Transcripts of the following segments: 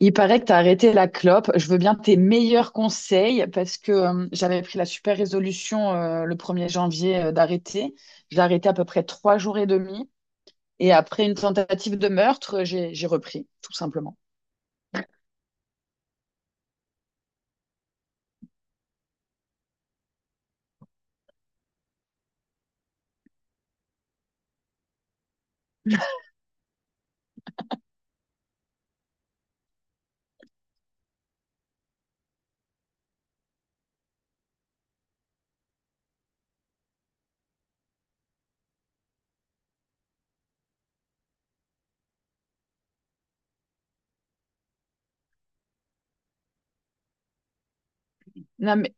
Il paraît que tu as arrêté la clope. Je veux bien tes meilleurs conseils parce que j'avais pris la super résolution le premier janvier d'arrêter. J'ai arrêté à peu près trois jours et demi. Et après une tentative de meurtre, j'ai repris, tout simplement. Non, mais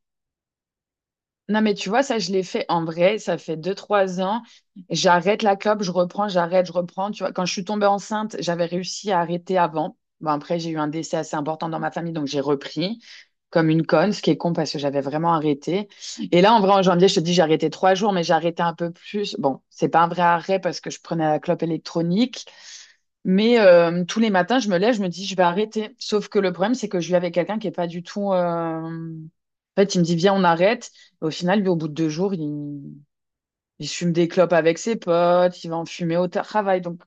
Non, mais tu vois, ça, je l'ai fait en vrai. Ça fait deux, trois ans. J'arrête la clope, je reprends, j'arrête, je reprends. Tu vois, quand je suis tombée enceinte, j'avais réussi à arrêter avant. Bon, après, j'ai eu un décès assez important dans ma famille, donc j'ai repris comme une conne, ce qui est con parce que j'avais vraiment arrêté. Et là, en vrai, en janvier, je te dis, j'ai arrêté trois jours, mais j'ai arrêté un peu plus. Bon, c'est pas un vrai arrêt parce que je prenais la clope électronique. Mais tous les matins, je me lève, je me dis, je vais arrêter. Sauf que le problème, c'est que je vis avec quelqu'un qui est pas du tout. En fait, il me dit, viens, on arrête. Et au final, lui, au bout de deux jours, il fume des clopes avec ses potes, il va en fumer au travail. Donc,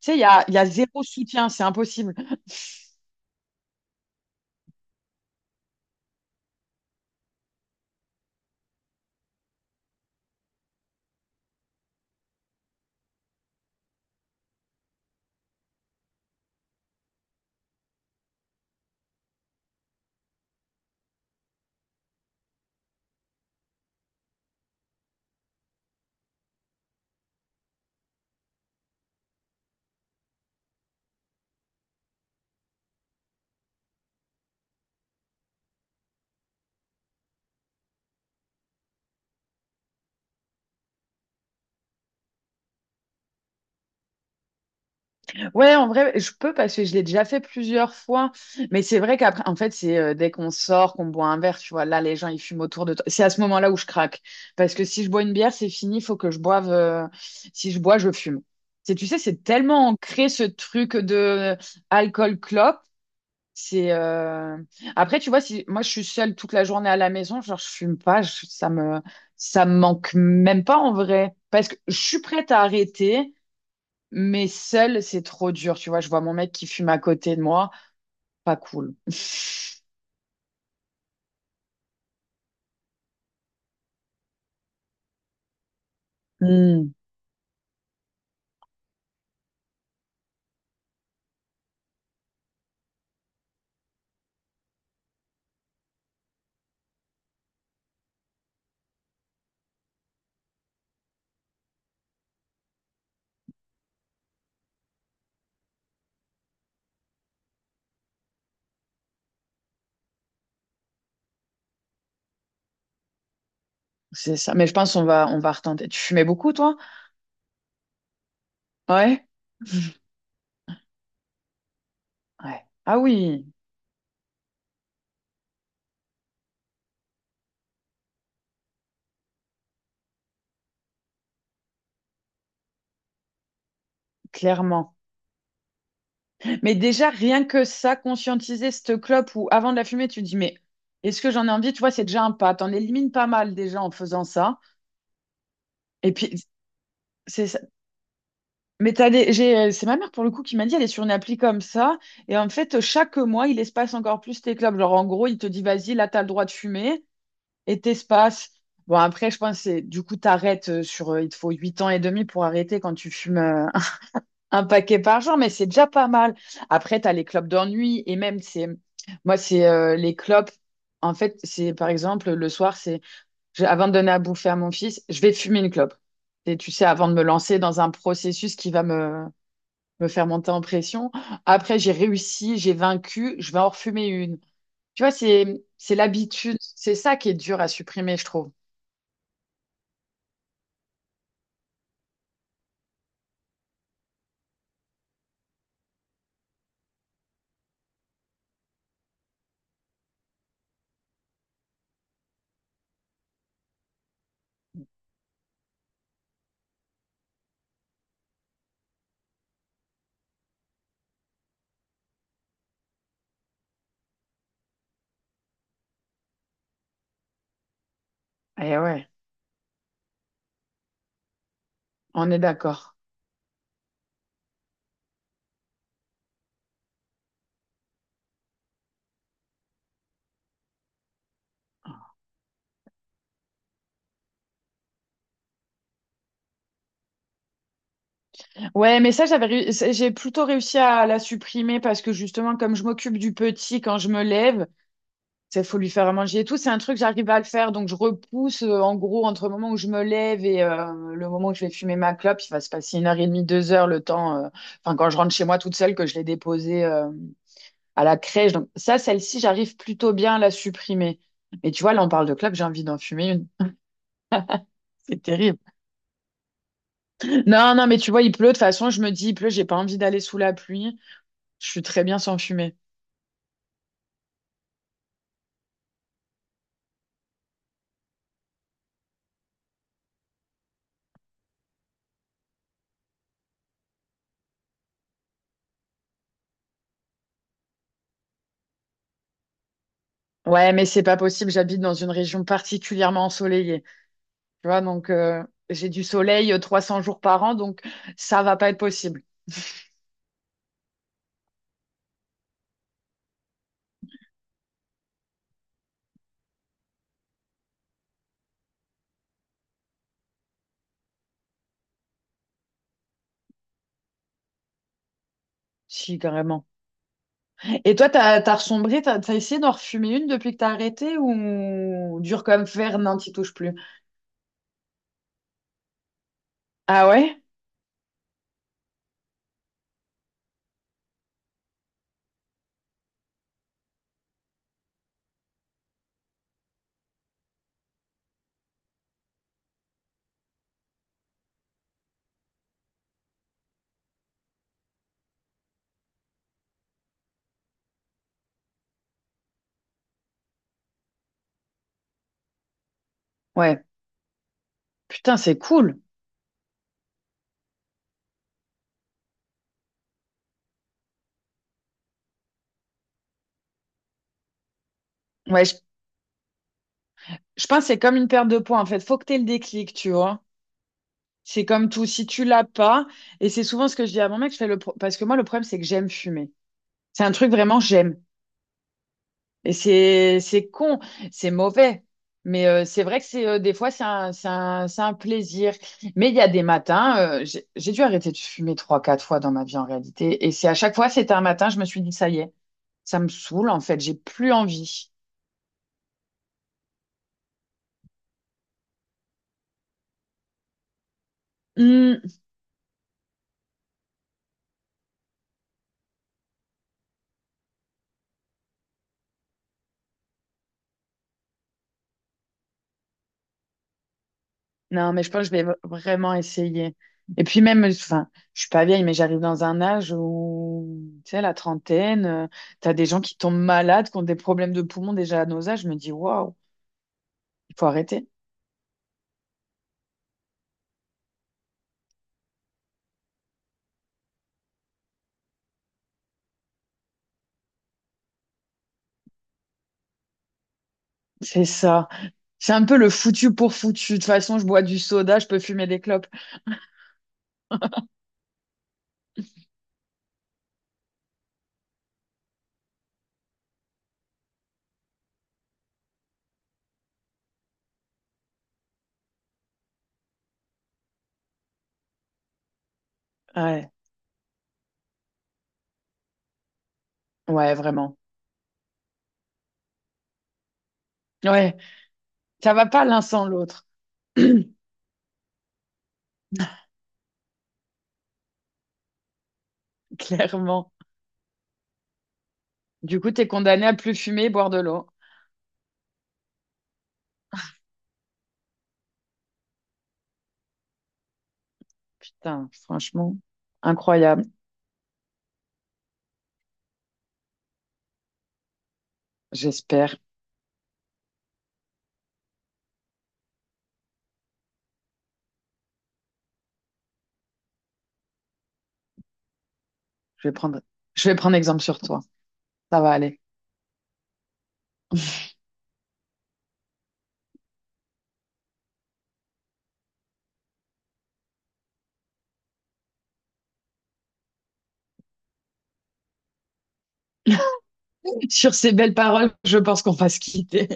tu sais, il y a zéro soutien, c'est impossible. Ouais, en vrai, je peux parce que je l'ai déjà fait plusieurs fois. Mais c'est vrai qu'après, en fait, c'est dès qu'on sort, qu'on boit un verre, tu vois, là, les gens, ils fument autour de toi. C'est à ce moment-là où je craque. Parce que si je bois une bière, c'est fini, il faut que je boive. Si je bois, je fume. C'est, tu sais, c'est tellement ancré ce truc de alcool-clope. C'est après, tu vois, si moi je suis seule toute la journée à la maison, genre je fume pas, ça me manque même pas en vrai, parce que je suis prête à arrêter. Mais seul, c'est trop dur. Tu vois, je vois mon mec qui fume à côté de moi. Pas cool. Hmm, c'est ça. Mais je pense on va retenter. Tu fumais beaucoup, toi? Ouais. Ouais. Ah oui, clairement. Mais déjà, rien que ça, conscientiser cette clope ou avant de la fumer, tu te dis, mais est-ce que j'en ai envie? Tu vois, c'est déjà un pas. T'en élimines pas mal déjà en faisant ça. Et puis, c'est ça. Mais c'est ma mère pour le coup qui m'a dit, elle est sur une appli comme ça. Et en fait, chaque mois, il espace encore plus tes clopes. Genre, en gros, il te dit, vas-y, là, t'as le droit de fumer. Et t'espaces. Bon, après, je pense que du coup, t'arrêtes il te faut 8 ans et demi pour arrêter quand tu fumes un paquet par jour, mais c'est déjà pas mal. Après, t'as les clopes d'ennui et même, c'est, moi, c'est les clopes. En fait, c'est par exemple, le soir, c'est, avant de donner à bouffer à mon fils, je vais fumer une clope. Et tu sais, avant de me lancer dans un processus me faire monter en pression. Après, j'ai réussi, j'ai vaincu, je vais en refumer une. Tu vois, c'est l'habitude. C'est ça qui est dur à supprimer, je trouve. Eh ouais, on est d'accord. Ouais, mais ça, j'ai plutôt réussi à la supprimer parce que justement, comme je m'occupe du petit quand je me lève, il faut lui faire à manger et tout. C'est un truc, j'arrive à le faire. Donc, je repousse, en gros, entre le moment où je me lève et le moment où je vais fumer ma clope, il va se passer une heure et demie, deux heures, enfin, quand je rentre chez moi toute seule, que je l'ai déposée à la crèche. Donc, ça, celle-ci, j'arrive plutôt bien à la supprimer. Mais tu vois, là, on parle de clope, j'ai envie d'en fumer une. C'est terrible. Non, non, mais tu vois, il pleut. De toute façon, je me dis, il pleut, j'ai pas envie d'aller sous la pluie. Je suis très bien sans fumer. Ouais, mais c'est pas possible. J'habite dans une région particulièrement ensoleillée. Tu vois, j'ai du soleil 300 jours par an, donc ça va pas être possible. Si, carrément. Et toi, t'as ressombré, t'as essayé d'en refumer une depuis que t'as arrêté ou dur comme fer, non, t'y touches plus. Ah ouais? Ouais. Putain, c'est cool. Ouais, je, je pense que c'est comme une perte de poids, en fait. Faut que t'aies le déclic, tu vois. C'est comme tout, si tu l'as pas, et c'est souvent ce que je dis à mon mec, je fais le pro- parce que moi le problème c'est que j'aime fumer. C'est un truc vraiment j'aime. Et c'est con, c'est mauvais. Mais c'est vrai que c'est des fois c'est un plaisir. Mais il y a des matins, j'ai dû arrêter de fumer trois, quatre fois dans ma vie en réalité. Et c'est à chaque fois, c'était un matin, je me suis dit ça y est, ça me saoule en fait, j'ai plus envie. Hmm. Non, mais je pense que je vais vraiment essayer. Et puis même, enfin, je suis pas vieille, mais j'arrive dans un âge où, tu sais, la trentaine, t'as des gens qui tombent malades, qui ont des problèmes de poumons déjà à nos âges. Je me dis, waouh, il faut arrêter. C'est ça. C'est un peu le foutu pour foutu. De toute façon, je bois du soda, je peux fumer des clopes. Ouais, ouais, vraiment. Ouais, ça va pas l'un sans l'autre, clairement. Du coup, t'es condamné à plus fumer et boire de l'eau. Putain, franchement, incroyable, j'espère. Je vais prendre, je vais prendre exemple sur toi. Ça va aller. Sur ces belles paroles, je pense qu'on va se quitter.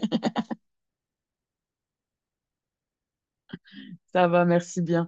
Ça va, merci bien.